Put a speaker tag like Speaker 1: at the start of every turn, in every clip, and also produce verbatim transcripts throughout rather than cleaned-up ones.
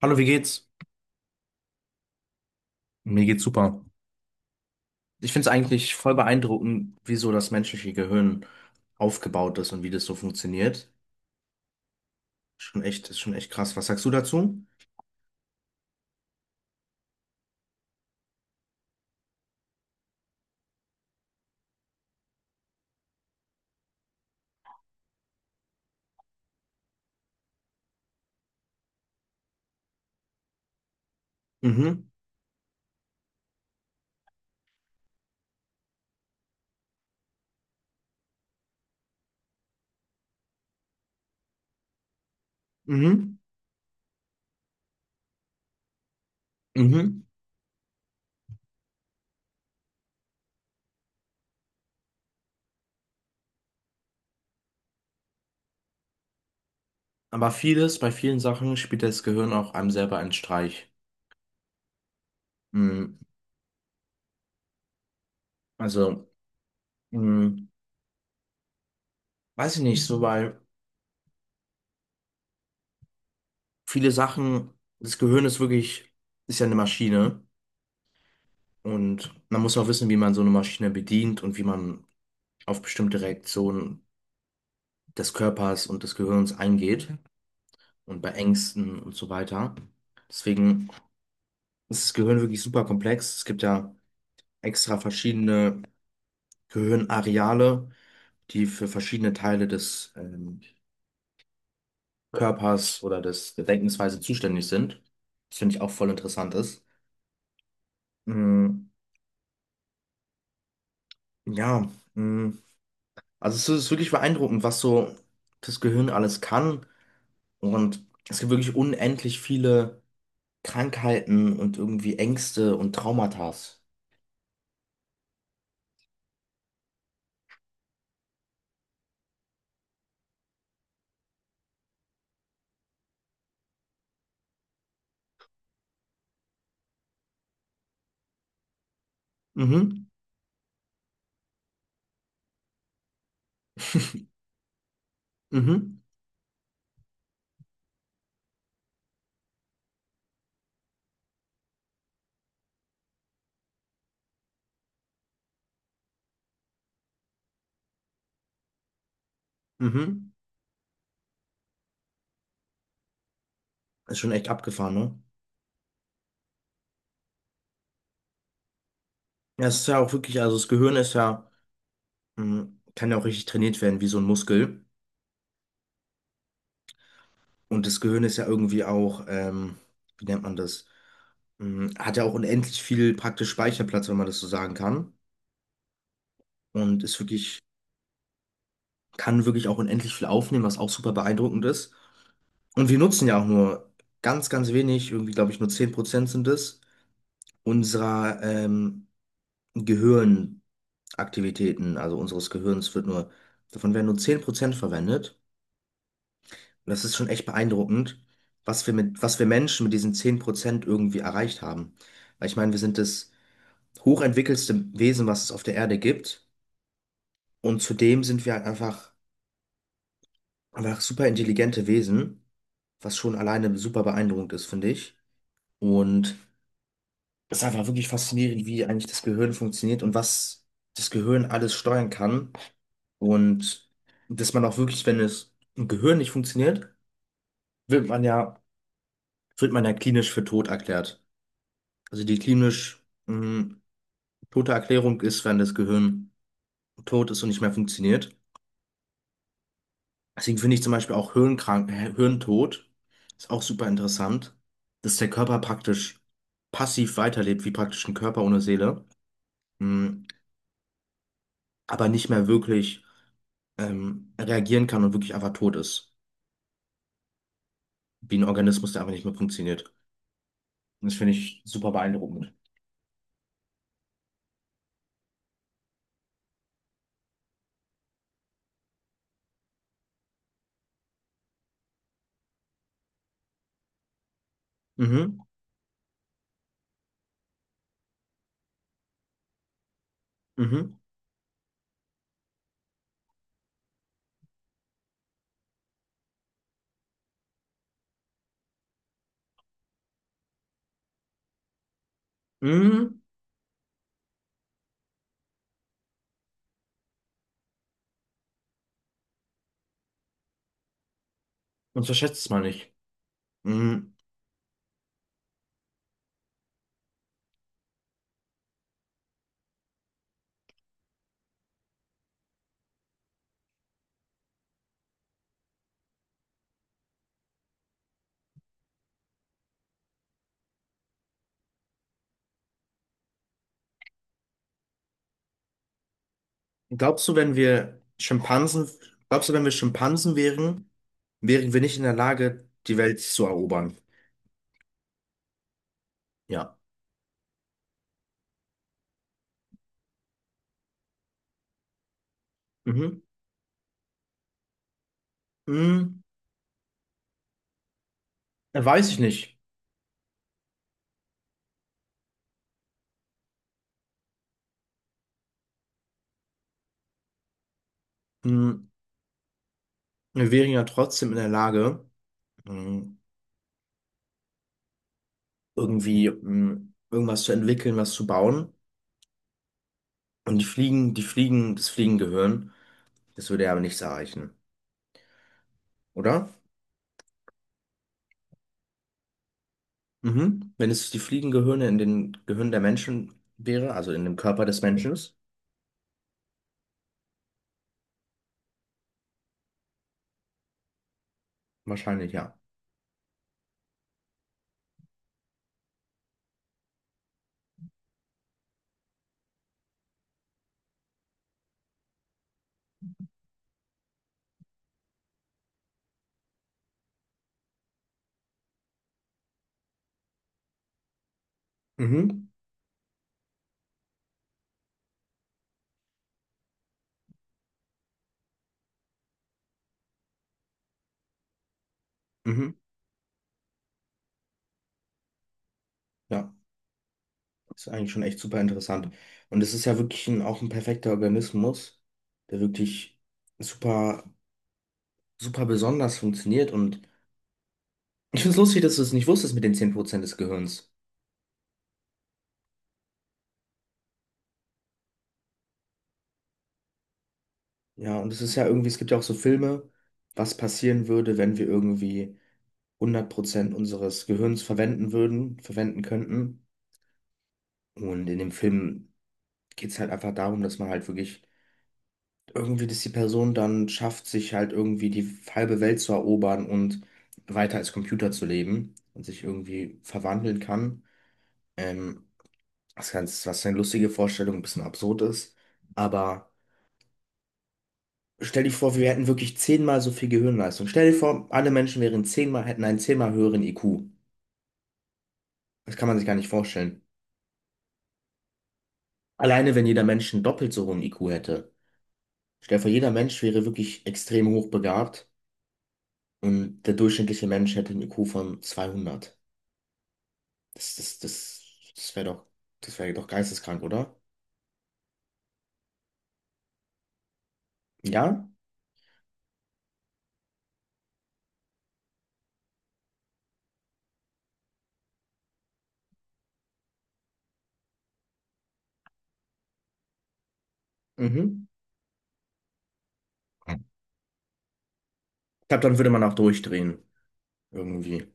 Speaker 1: Hallo, wie geht's? Mir geht's super. Ich finde es eigentlich voll beeindruckend, wie so das menschliche Gehirn aufgebaut ist und wie das so funktioniert. Schon echt, ist schon echt krass. Was sagst du dazu? Mhm, mhm, mhm. Aber vieles, bei vielen Sachen spielt das Gehirn auch einem selber einen Streich. Mhm. Also, mhm. Weiß ich nicht, so weil viele Sachen, das Gehirn ist wirklich, ist ja eine Maschine und man muss auch wissen, wie man so eine Maschine bedient und wie man auf bestimmte Reaktionen des Körpers und des Gehirns eingeht und bei Ängsten und so weiter. Deswegen ist das Gehirn wirklich super komplex. Es gibt ja extra verschiedene Gehirnareale, die für verschiedene Teile des ähm, Körpers oder des, der Denkensweise zuständig sind. Das finde ich auch voll interessant ist. Mm, ja, mm, also es ist wirklich beeindruckend, was so das Gehirn alles kann. Und es gibt wirklich unendlich viele Krankheiten und irgendwie Ängste und Traumatas. Mhm. Mhm. Mhm. Ist schon echt abgefahren, ne? Ja, es ist ja auch wirklich, also das Gehirn ist ja, mhm, kann ja auch richtig trainiert werden, wie so ein Muskel. Und das Gehirn ist ja irgendwie auch, ähm, wie nennt man das? Mhm, hat ja auch unendlich viel praktisch Speicherplatz, wenn man das so sagen kann. Und ist wirklich, kann wirklich auch unendlich viel aufnehmen, was auch super beeindruckend ist. Und wir nutzen ja auch nur ganz, ganz wenig, irgendwie, glaube ich, nur zehn Prozent sind es, unserer, ähm, Gehirnaktivitäten, also unseres Gehirns wird nur, davon werden nur zehn Prozent verwendet. Und das ist schon echt beeindruckend, was wir mit, was wir Menschen mit diesen zehn Prozent irgendwie erreicht haben. Weil ich meine, wir sind das hochentwickelste Wesen, was es auf der Erde gibt. Und zudem sind wir halt einfach, einfach super intelligente Wesen, was schon alleine super beeindruckend ist, finde ich. Und das ist einfach wirklich faszinierend, wie eigentlich das Gehirn funktioniert und was das Gehirn alles steuern kann. Und dass man auch wirklich, wenn es im Gehirn nicht funktioniert, wird man ja, wird man ja klinisch für tot erklärt. Also die klinisch mh, tote Erklärung ist, wenn das Gehirn tot ist und nicht mehr funktioniert. Deswegen finde ich zum Beispiel auch Hirnkrank, äh, Hirntod ist auch super interessant, dass der Körper praktisch passiv weiterlebt, wie praktisch ein Körper ohne Seele, mh, aber nicht mehr wirklich ähm, reagieren kann und wirklich einfach tot ist. Wie ein Organismus, der einfach nicht mehr funktioniert. Und das finde ich super beeindruckend. Mhm, mhm, mhm. Und verschätzt es mal nicht. Mhm. Glaubst du, wenn wir Schimpansen, Glaubst du, wenn wir Schimpansen wären, wären wir nicht in der Lage, die Welt zu erobern? Ja. Mhm. Mhm. Äh, Weiß ich nicht. Mhm. Wir wären ja trotzdem in der Lage, mhm, irgendwie mhm, irgendwas zu entwickeln, was zu bauen. Und die Fliegen, die Fliegen, das Fliegengehirn. Das würde ja aber nichts erreichen, oder? Mhm. Wenn es die Fliegengehirne in den Gehirn der Menschen wäre, also in dem Körper des Menschen, wahrscheinlich ja. Mhm. Mhm. Ja, ist eigentlich schon echt super interessant. Und es ist ja wirklich ein, auch ein perfekter Organismus, der wirklich super, super besonders funktioniert. Und ich finde es lustig, dass du es nicht wusstest mit den zehn Prozent des Gehirns. Ja, und es ist ja irgendwie, es gibt ja auch so Filme, was passieren würde, wenn wir irgendwie hundert Prozent unseres Gehirns verwenden würden, verwenden könnten. Und in dem Film geht es halt einfach darum, dass man halt wirklich irgendwie, dass die Person dann schafft, sich halt irgendwie die halbe Welt zu erobern und weiter als Computer zu leben und sich irgendwie verwandeln kann. Ähm, Das Ganze, was eine lustige Vorstellung, ein bisschen absurd ist. Aber stell dir vor, wir hätten wirklich zehnmal so viel Gehirnleistung. Stell dir vor, alle Menschen wären zehnmal, hätten einen zehnmal höheren I Q. Das kann man sich gar nicht vorstellen. Alleine wenn jeder Mensch einen doppelt so hohen I Q hätte. Stell dir vor, jeder Mensch wäre wirklich extrem hochbegabt und der durchschnittliche Mensch hätte einen I Q von zweihundert. Das, das, das, das wäre doch, das wäre doch geisteskrank, oder? Ja? Mhm. Ich glaube, dann würde man auch durchdrehen. Irgendwie.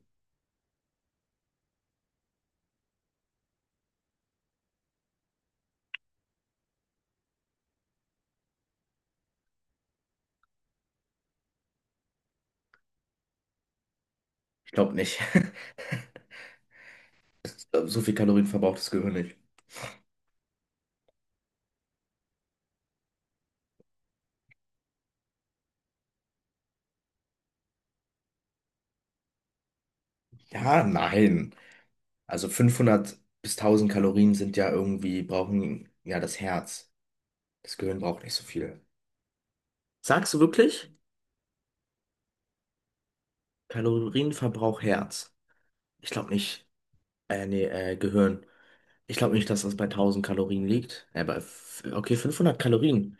Speaker 1: Ich glaube nicht. So viel Kalorien verbraucht das Gehirn nicht. Ja, nein. Also fünfhundert bis tausend Kalorien sind ja irgendwie, brauchen ja das Herz. Das Gehirn braucht nicht so viel. Sagst du wirklich? Kalorienverbrauch Herz. Ich glaube nicht. Äh, nee, äh, Gehirn. Ich glaube nicht, dass das bei tausend Kalorien liegt. Äh, bei, f- okay, fünfhundert Kalorien.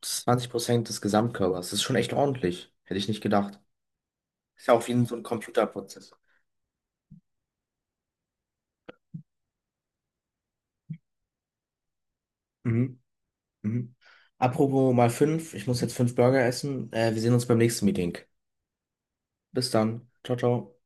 Speaker 1: Das ist zwanzig Prozent des Gesamtkörpers. Das ist schon echt ordentlich. Hätte ich nicht gedacht. Ist ja auch wie so ein Computerprozess. Mhm. Mhm. Apropos mal fünf. Ich muss jetzt fünf Burger essen. Äh, wir sehen uns beim nächsten Meeting. Bis dann. Ciao, ciao.